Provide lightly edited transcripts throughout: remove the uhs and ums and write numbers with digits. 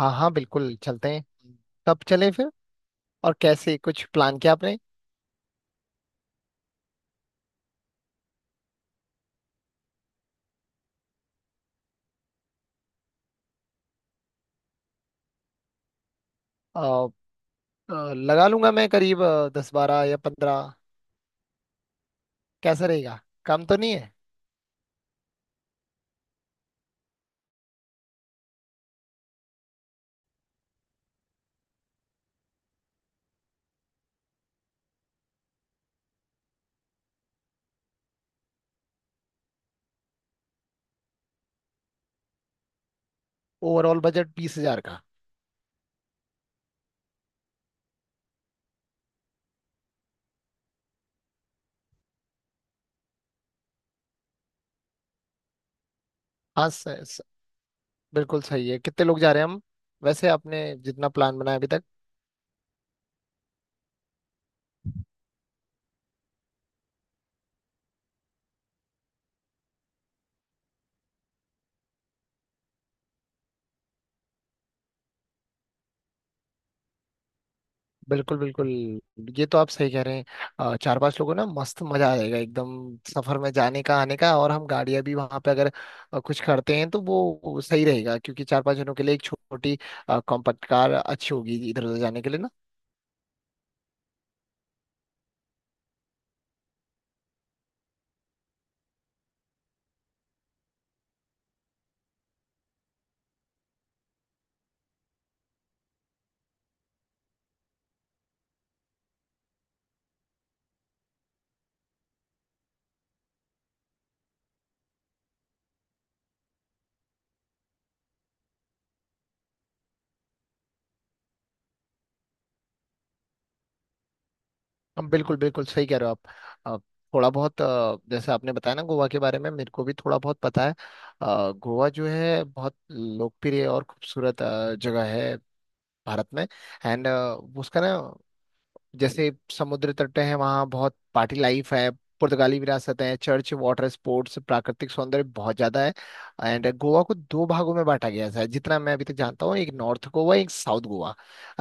हाँ हाँ बिल्कुल चलते हैं। कब चलें फिर। और कैसे कुछ प्लान किया आपने। अ, लगा लूंगा मैं करीब 10 12 या 15। कैसा रहेगा। कम तो नहीं है। ओवरऑल बजट 20,000 का। हाँ स, स, बिल्कुल सही है। कितने लोग जा रहे हैं हम वैसे आपने जितना प्लान बनाया अभी तक। बिल्कुल बिल्कुल। ये तो आप सही कह रहे हैं। चार पांच लोगों ना मस्त मजा आ जाएगा एकदम। सफर में जाने का आने का और हम गाड़ियां भी वहां पे अगर कुछ करते हैं तो वो सही रहेगा क्योंकि चार पांच जनों के लिए एक छोटी कॉम्पैक्ट कार अच्छी होगी इधर उधर जाने के लिए ना। हम बिल्कुल बिल्कुल सही कह रहे हो आप। अ, थोड़ा बहुत जैसे आपने बताया ना गोवा के बारे में मेरे को भी थोड़ा बहुत पता है। गोवा जो है बहुत लोकप्रिय और खूबसूरत जगह है भारत में। एंड उसका ना जैसे समुद्र तट है वहाँ बहुत पार्टी लाइफ है। पुर्तगाली विरासतें हैं चर्च वाटर स्पोर्ट्स प्राकृतिक सौंदर्य बहुत ज्यादा है। एंड गोवा को दो भागों में बांटा गया है जितना मैं अभी तक जानता हूँ एक नॉर्थ गोवा एक साउथ गोवा।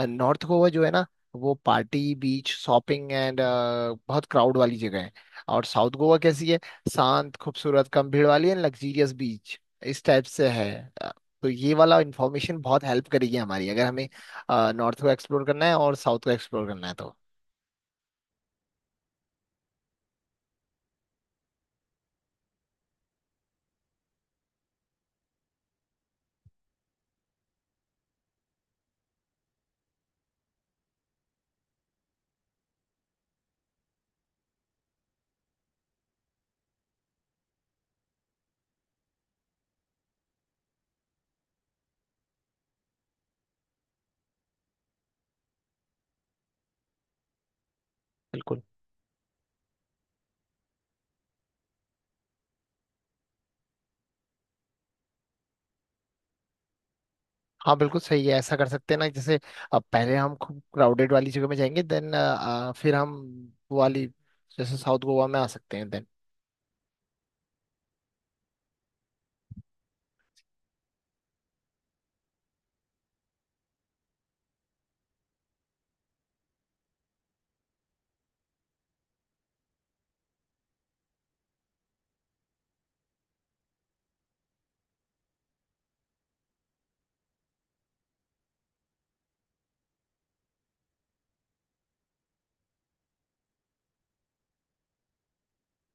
नॉर्थ गोवा जो है ना वो पार्टी बीच शॉपिंग एंड बहुत क्राउड वाली जगह है। और साउथ गोवा कैसी है। शांत खूबसूरत कम भीड़ वाली एंड लग्जीरियस बीच इस टाइप से है। अ, तो ये वाला इंफॉर्मेशन बहुत हेल्प करेगी हमारी अगर हमें नॉर्थ को एक्सप्लोर करना है और साउथ को एक्सप्लोर करना है तो। बिल्कुल। हाँ बिल्कुल सही है ऐसा कर सकते हैं ना जैसे अब पहले हम खूब क्राउडेड वाली जगह में जाएंगे देन फिर हम वो वाली जैसे साउथ गोवा में आ सकते हैं देन।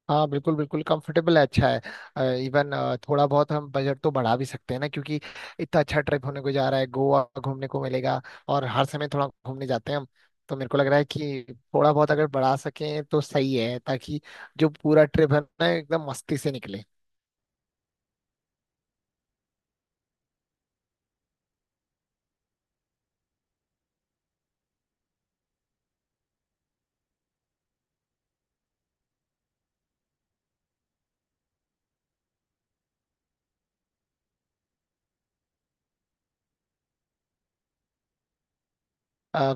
हाँ बिल्कुल बिल्कुल कंफर्टेबल है अच्छा है इवन थोड़ा बहुत हम बजट तो बढ़ा भी सकते हैं ना क्योंकि इतना अच्छा ट्रिप होने को जा रहा है गोवा घूमने को मिलेगा। और हर समय थोड़ा घूमने जाते हैं हम तो मेरे को लग रहा है कि थोड़ा बहुत अगर बढ़ा सकें तो सही है ताकि जो पूरा ट्रिप है ना एकदम मस्ती से निकले।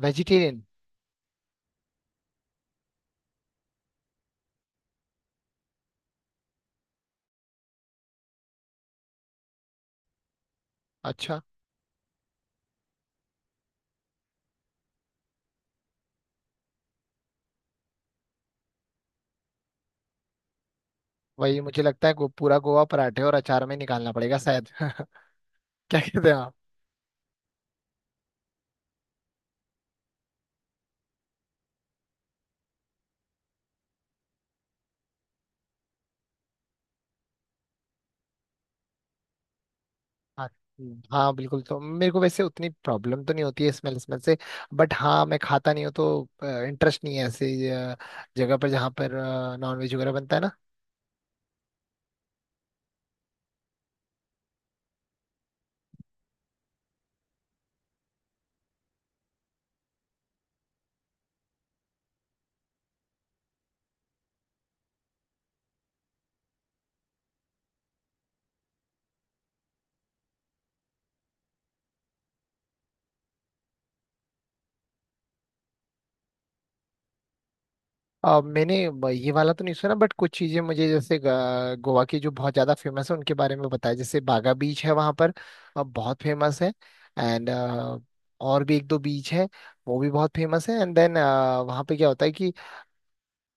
वेजिटेरियन। अच्छा वही मुझे लगता है पूरा गोवा पराठे और अचार में निकालना पड़ेगा शायद क्या कहते हैं आप। हाँ हाँ, बिल्कुल तो मेरे को वैसे उतनी प्रॉब्लम तो नहीं होती है स्मेल स्मेल से। बट हाँ मैं खाता नहीं हूँ तो इंटरेस्ट नहीं है ऐसे जगह पर जहाँ पर नॉनवेज वगैरह बनता है ना। मैंने ये वाला तो नहीं सुना बट कुछ चीजें मुझे जैसे गोवा की जो बहुत ज्यादा फेमस है उनके बारे में बताया जैसे बागा बीच है वहाँ पर। बहुत फेमस है। एंड और भी एक दो बीच है वो भी बहुत फेमस है एंड देन वहाँ पे क्या होता है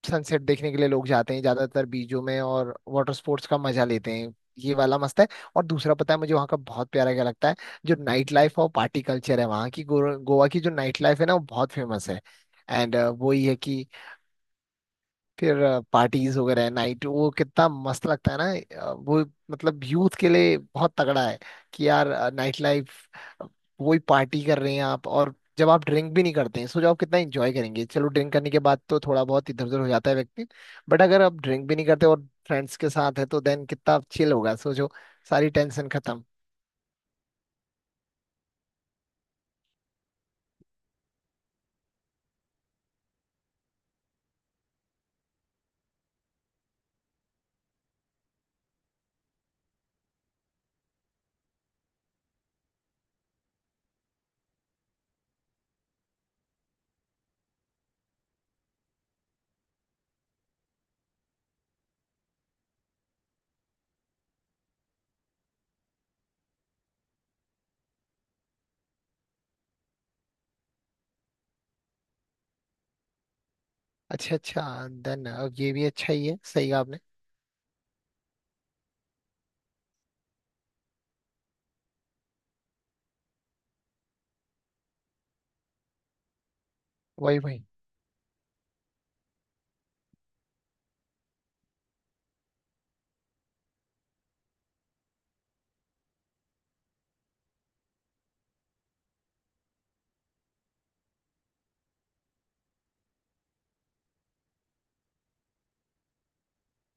सनसेट देखने के लिए लोग जाते हैं ज्यादातर बीचों में और वाटर स्पोर्ट्स का मजा लेते हैं। ये वाला मस्त है। और दूसरा पता है मुझे वहाँ का बहुत प्यारा क्या लगता है जो नाइट लाइफ और पार्टी कल्चर है वहाँ की गोवा की जो नाइट लाइफ है ना वो बहुत फेमस है। एंड वो ये है कि फिर पार्टीज वगैरह है नाइट वो कितना मस्त लगता है ना। वो मतलब यूथ के लिए बहुत तगड़ा है कि यार नाइट लाइफ वही पार्टी कर रहे हैं आप और जब आप ड्रिंक भी नहीं करते हैं सोचो आप कितना एंजॉय करेंगे। चलो ड्रिंक करने के बाद तो थोड़ा बहुत इधर उधर हो जाता है व्यक्ति। बट अगर आप ड्रिंक भी नहीं करते और फ्रेंड्स के साथ है तो देन कितना चिल होगा सोचो। सारी टेंशन खत्म। अच्छा अच्छा देन अब ये भी अच्छा ही है सही कहा आपने। वही वही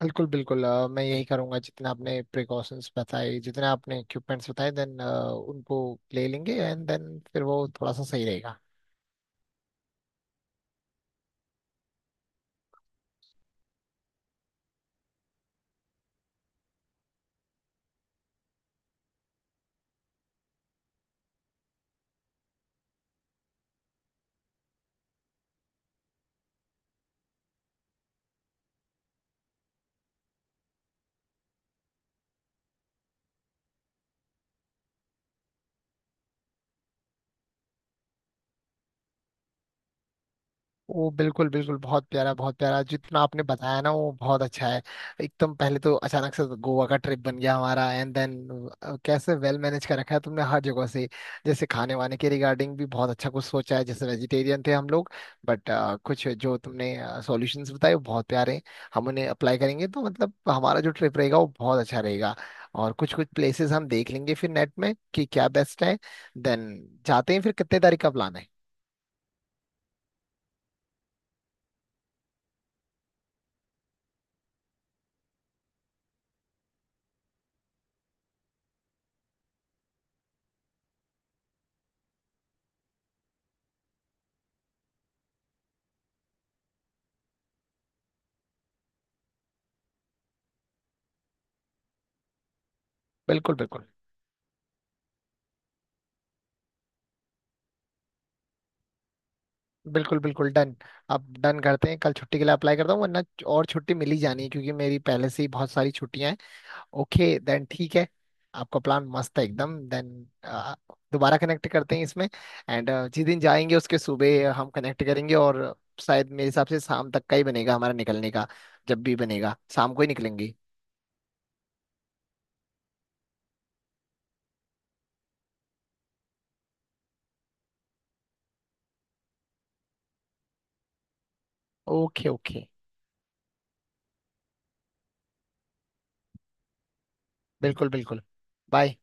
बिल्कुल बिल्कुल मैं यही करूंगा जितना आपने प्रिकॉशंस बताए जितने आपने इक्विपमेंट्स बताए देन उनको ले लेंगे एंड देन फिर वो थोड़ा सा सही रहेगा। वो बिल्कुल बिल्कुल बहुत प्यारा जितना आपने बताया ना वो बहुत अच्छा है। एकदम पहले तो अचानक से गोवा का ट्रिप बन गया हमारा एंड देन कैसे वेल मैनेज कर रखा है तुमने हर जगह से। जैसे खाने वाने के रिगार्डिंग भी बहुत अच्छा कुछ सोचा है जैसे वेजिटेरियन थे हम लोग बट कुछ जो तुमने सॉल्यूशंस बताए वो बहुत प्यारे हैं। हम उन्हें अप्लाई करेंगे तो मतलब हमारा जो ट्रिप रहेगा वो बहुत अच्छा रहेगा। और कुछ कुछ प्लेसेस हम देख लेंगे फिर नेट में कि क्या बेस्ट है देन जाते हैं फिर कितने तारीख का प्लान है। बिल्कुल बिल्कुल बिल्कुल बिल्कुल डन। आप डन करते हैं कल छुट्टी के लिए अप्लाई करता हूँ वरना और छुट्टी मिल ही जानी है क्योंकि मेरी पहले से ही बहुत सारी छुट्टियां हैं। ओके देन ठीक है आपका प्लान मस्त है एकदम देन दोबारा कनेक्ट करते हैं इसमें। एंड जिस दिन जाएंगे उसके सुबह हम कनेक्ट करेंगे और शायद मेरे हिसाब से शाम तक का ही बनेगा हमारा निकलने का। जब भी बनेगा शाम को ही निकलेंगे। ओके ओके बिल्कुल बिल्कुल बाय।